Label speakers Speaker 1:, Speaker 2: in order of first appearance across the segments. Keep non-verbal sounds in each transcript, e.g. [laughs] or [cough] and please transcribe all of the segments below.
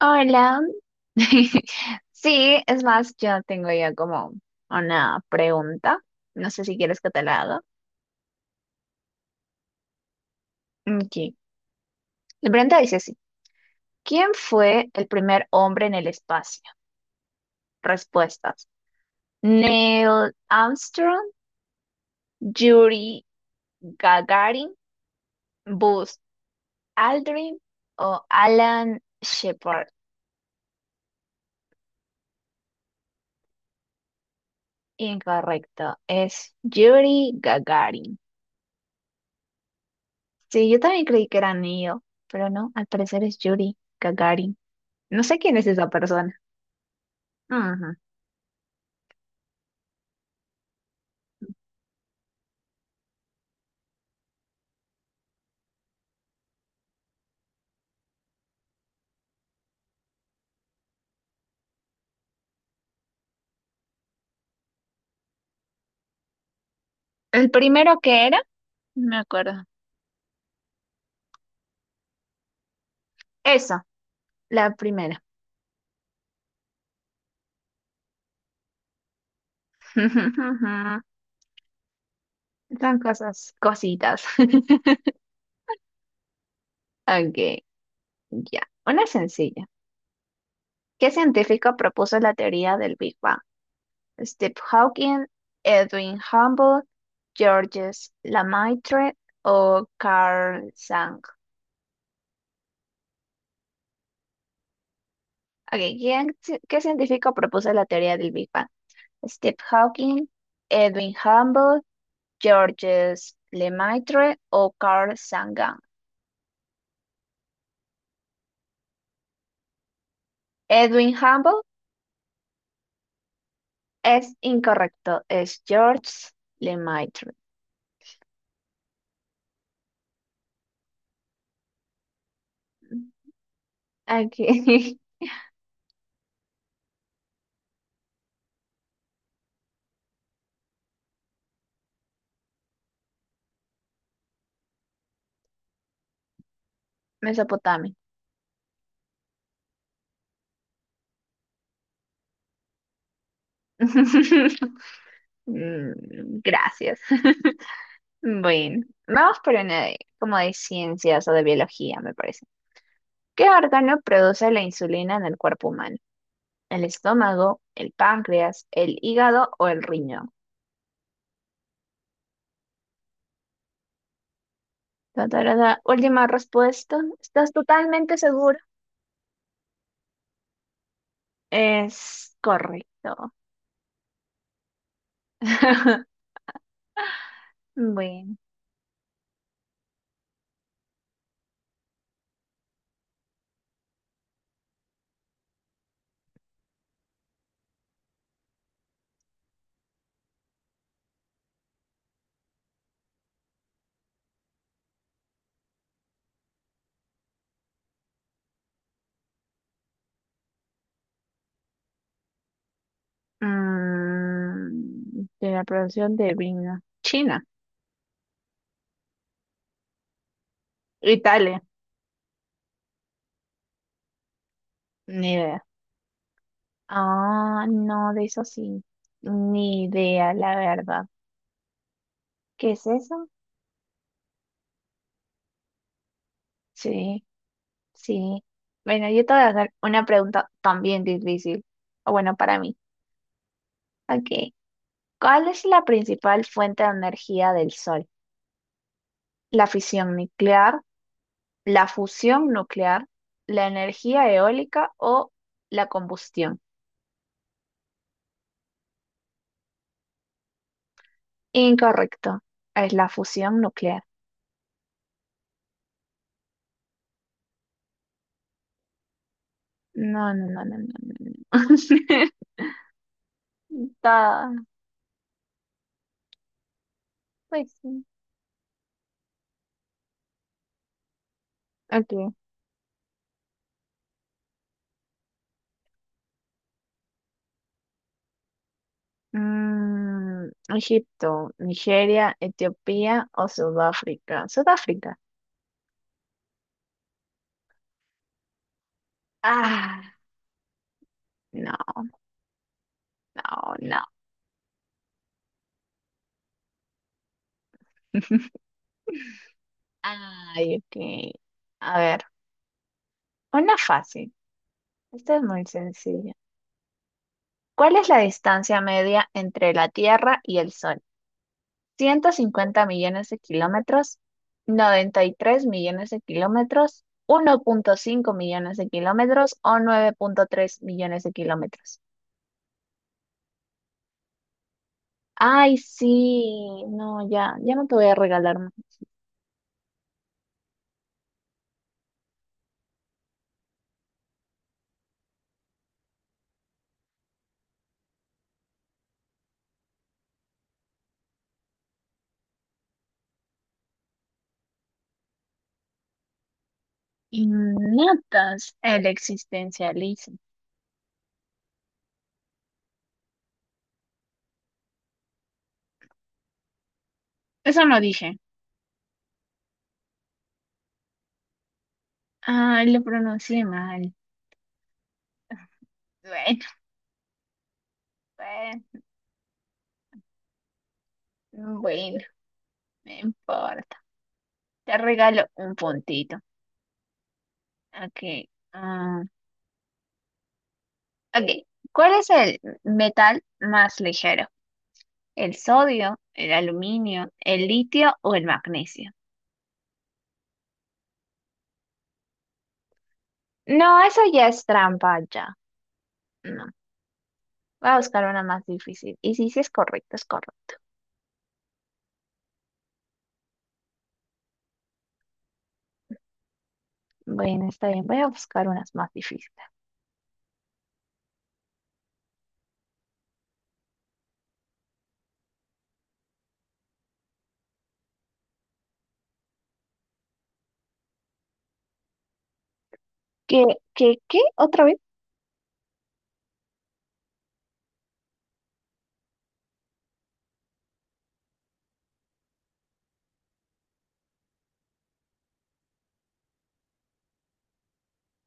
Speaker 1: Hola. [laughs] Sí, es más, yo tengo ya como una pregunta. No sé si quieres que te la haga. Ok. La pregunta dice así. ¿Quién fue el primer hombre en el espacio? Respuestas. Neil Armstrong, Yuri Gagarin, Buzz Aldrin o Alan Shepard. Incorrecto, es Yuri Gagarin. Sí, yo también creí que era Neil, pero no, al parecer es Yuri Gagarin. No sé quién es esa persona. Ujú. El primero que era, no me acuerdo. Eso, la primera. [laughs] Son cosas, cositas. [laughs] Ok, ya. Una sencilla. ¿Qué científico propuso la teoría del Big Bang? Steve Hawking, Edwin Hubble, Georges Lemaitre o Carl Sagan. Ok, ¿qué científico propuso la teoría del Big Bang? Steve Hawking, Edwin Hubble. Georges Lemaitre o Carl Sagan. Edwin Hubble es incorrecto, es Georges Lemaitre. Aquí, [laughs] Mesopotamia. [laughs] Gracias. [laughs] Bueno, vamos por una como de ciencias o de biología, me parece. ¿Qué órgano produce la insulina en el cuerpo humano? ¿El estómago, el páncreas, el hígado o el riñón? Ta, ta, ra, ra. Última respuesta. ¿Estás totalmente seguro? Es correcto. [laughs] Bueno, de la producción de vino. China, Italia, ni idea. Ah, no, de eso sí, ni idea, la verdad. ¿Qué es eso? Sí, sí. Bueno, yo te voy a hacer una pregunta también difícil, o bueno, para mí. Ok, ¿cuál es la principal fuente de energía del Sol? ¿La fisión nuclear, la fusión nuclear, la energía eólica o la combustión? Incorrecto. Es la fusión nuclear. No, no, no, no, no, no, no. [laughs] Está- Pues sí. Ok. Mm, Egipto, Nigeria, Etiopía o Sudáfrica. Sudáfrica. Ah, no, no, no. [laughs] Ay, ok. A ver, una fácil. Esta es muy sencilla. ¿Cuál es la distancia media entre la Tierra y el Sol? ¿150 millones de kilómetros, 93 millones de kilómetros, 1,5 millones de kilómetros o 9,3 millones de kilómetros? Ay, sí, no, ya, ya no te voy a regalar más. Innatas, el existencialismo. Eso no dije. Ay, lo pronuncié mal. Bueno, bueno, bueno, no importa. Te regalo un puntito. Okay. Ah, okay. ¿Cuál es el metal más ligero? ¿El sodio, el aluminio, el litio o el magnesio? No, eso ya es trampa, ya. No, voy a buscar una más difícil. Y sí, sí es correcto, es correcto. Bueno, está bien, voy a buscar unas más difíciles. ¿Qué, ¿qué? ¿Otra vez?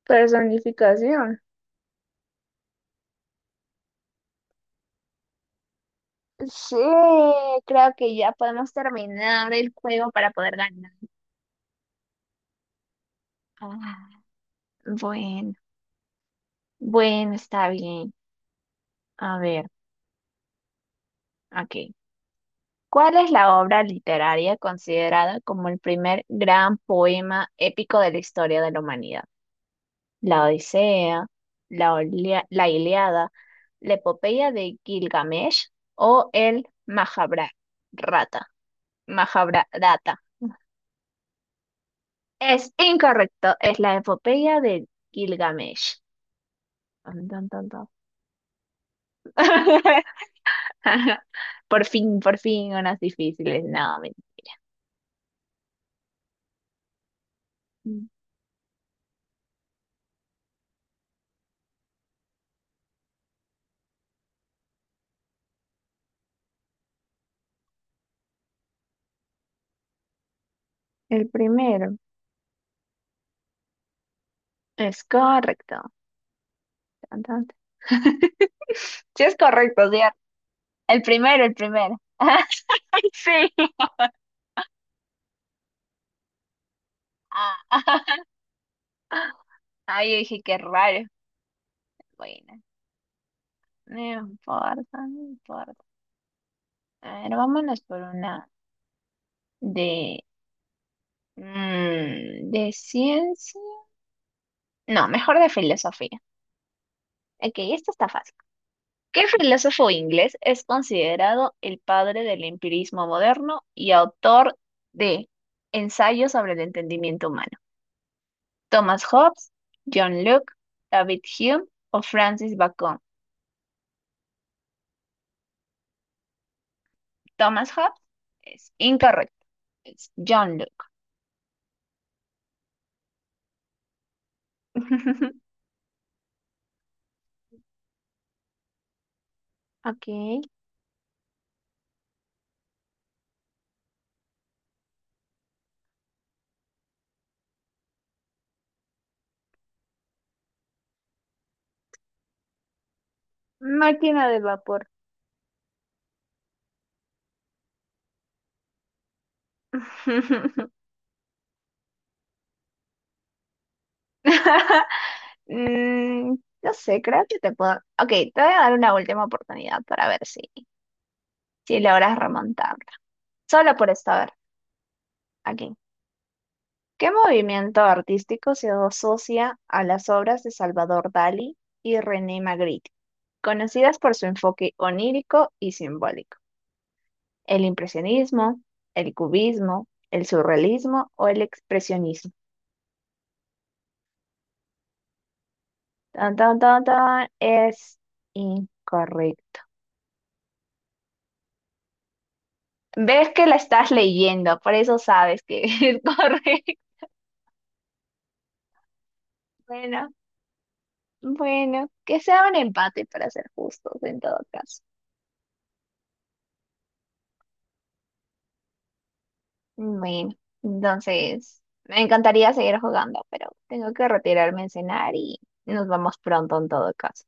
Speaker 1: Personificación. Sí, creo que ya podemos terminar el juego para poder ganar. Ah, bueno, bueno, está bien. A ver, ok. ¿Cuál es la obra literaria considerada como el primer gran poema épico de la historia de la humanidad? La Odisea, la Ilíada, la Epopeya de Gilgamesh o el Mahabharata. Mahabharata. Es incorrecto, es la Epopeya de Gilgamesh. Tan, tan, tan, tan. [laughs] Por fin, unas difíciles. No, men- el primero es correcto. Cantante. [laughs] Sí, es correcto, sí. El primero, el primero. [laughs] Sí. Ah, [laughs] ay, yo dije, qué raro. Bueno, no importa, no importa. A ver, vámonos por una de... de ciencia. No, mejor de filosofía. Ok, esto está fácil. ¿Qué filósofo inglés es considerado el padre del empirismo moderno y autor de Ensayo sobre el entendimiento humano? Thomas Hobbes, John Locke, David Hume o Francis Bacon. Thomas Hobbes es incorrecto, es John Locke. [laughs] Ok. Máquina de vapor. [laughs] Mm, no sé, creo que te puedo. Ok, te voy a dar una última oportunidad para ver si logras remontar. Solo por esta vez. Aquí. ¿Qué movimiento artístico se asocia a las obras de Salvador Dalí y René Magritte? Conocidas por su enfoque onírico y simbólico, el impresionismo, el cubismo, el surrealismo o el expresionismo. Tan, tan, tan, tan, es incorrecto. Ves que la estás leyendo, por eso sabes que [laughs] es correcto. Bueno, bueno, que sea un empate para ser justos en todo caso. Bueno, entonces me encantaría seguir jugando, pero tengo que retirarme a cenar y nos vamos pronto en todo caso.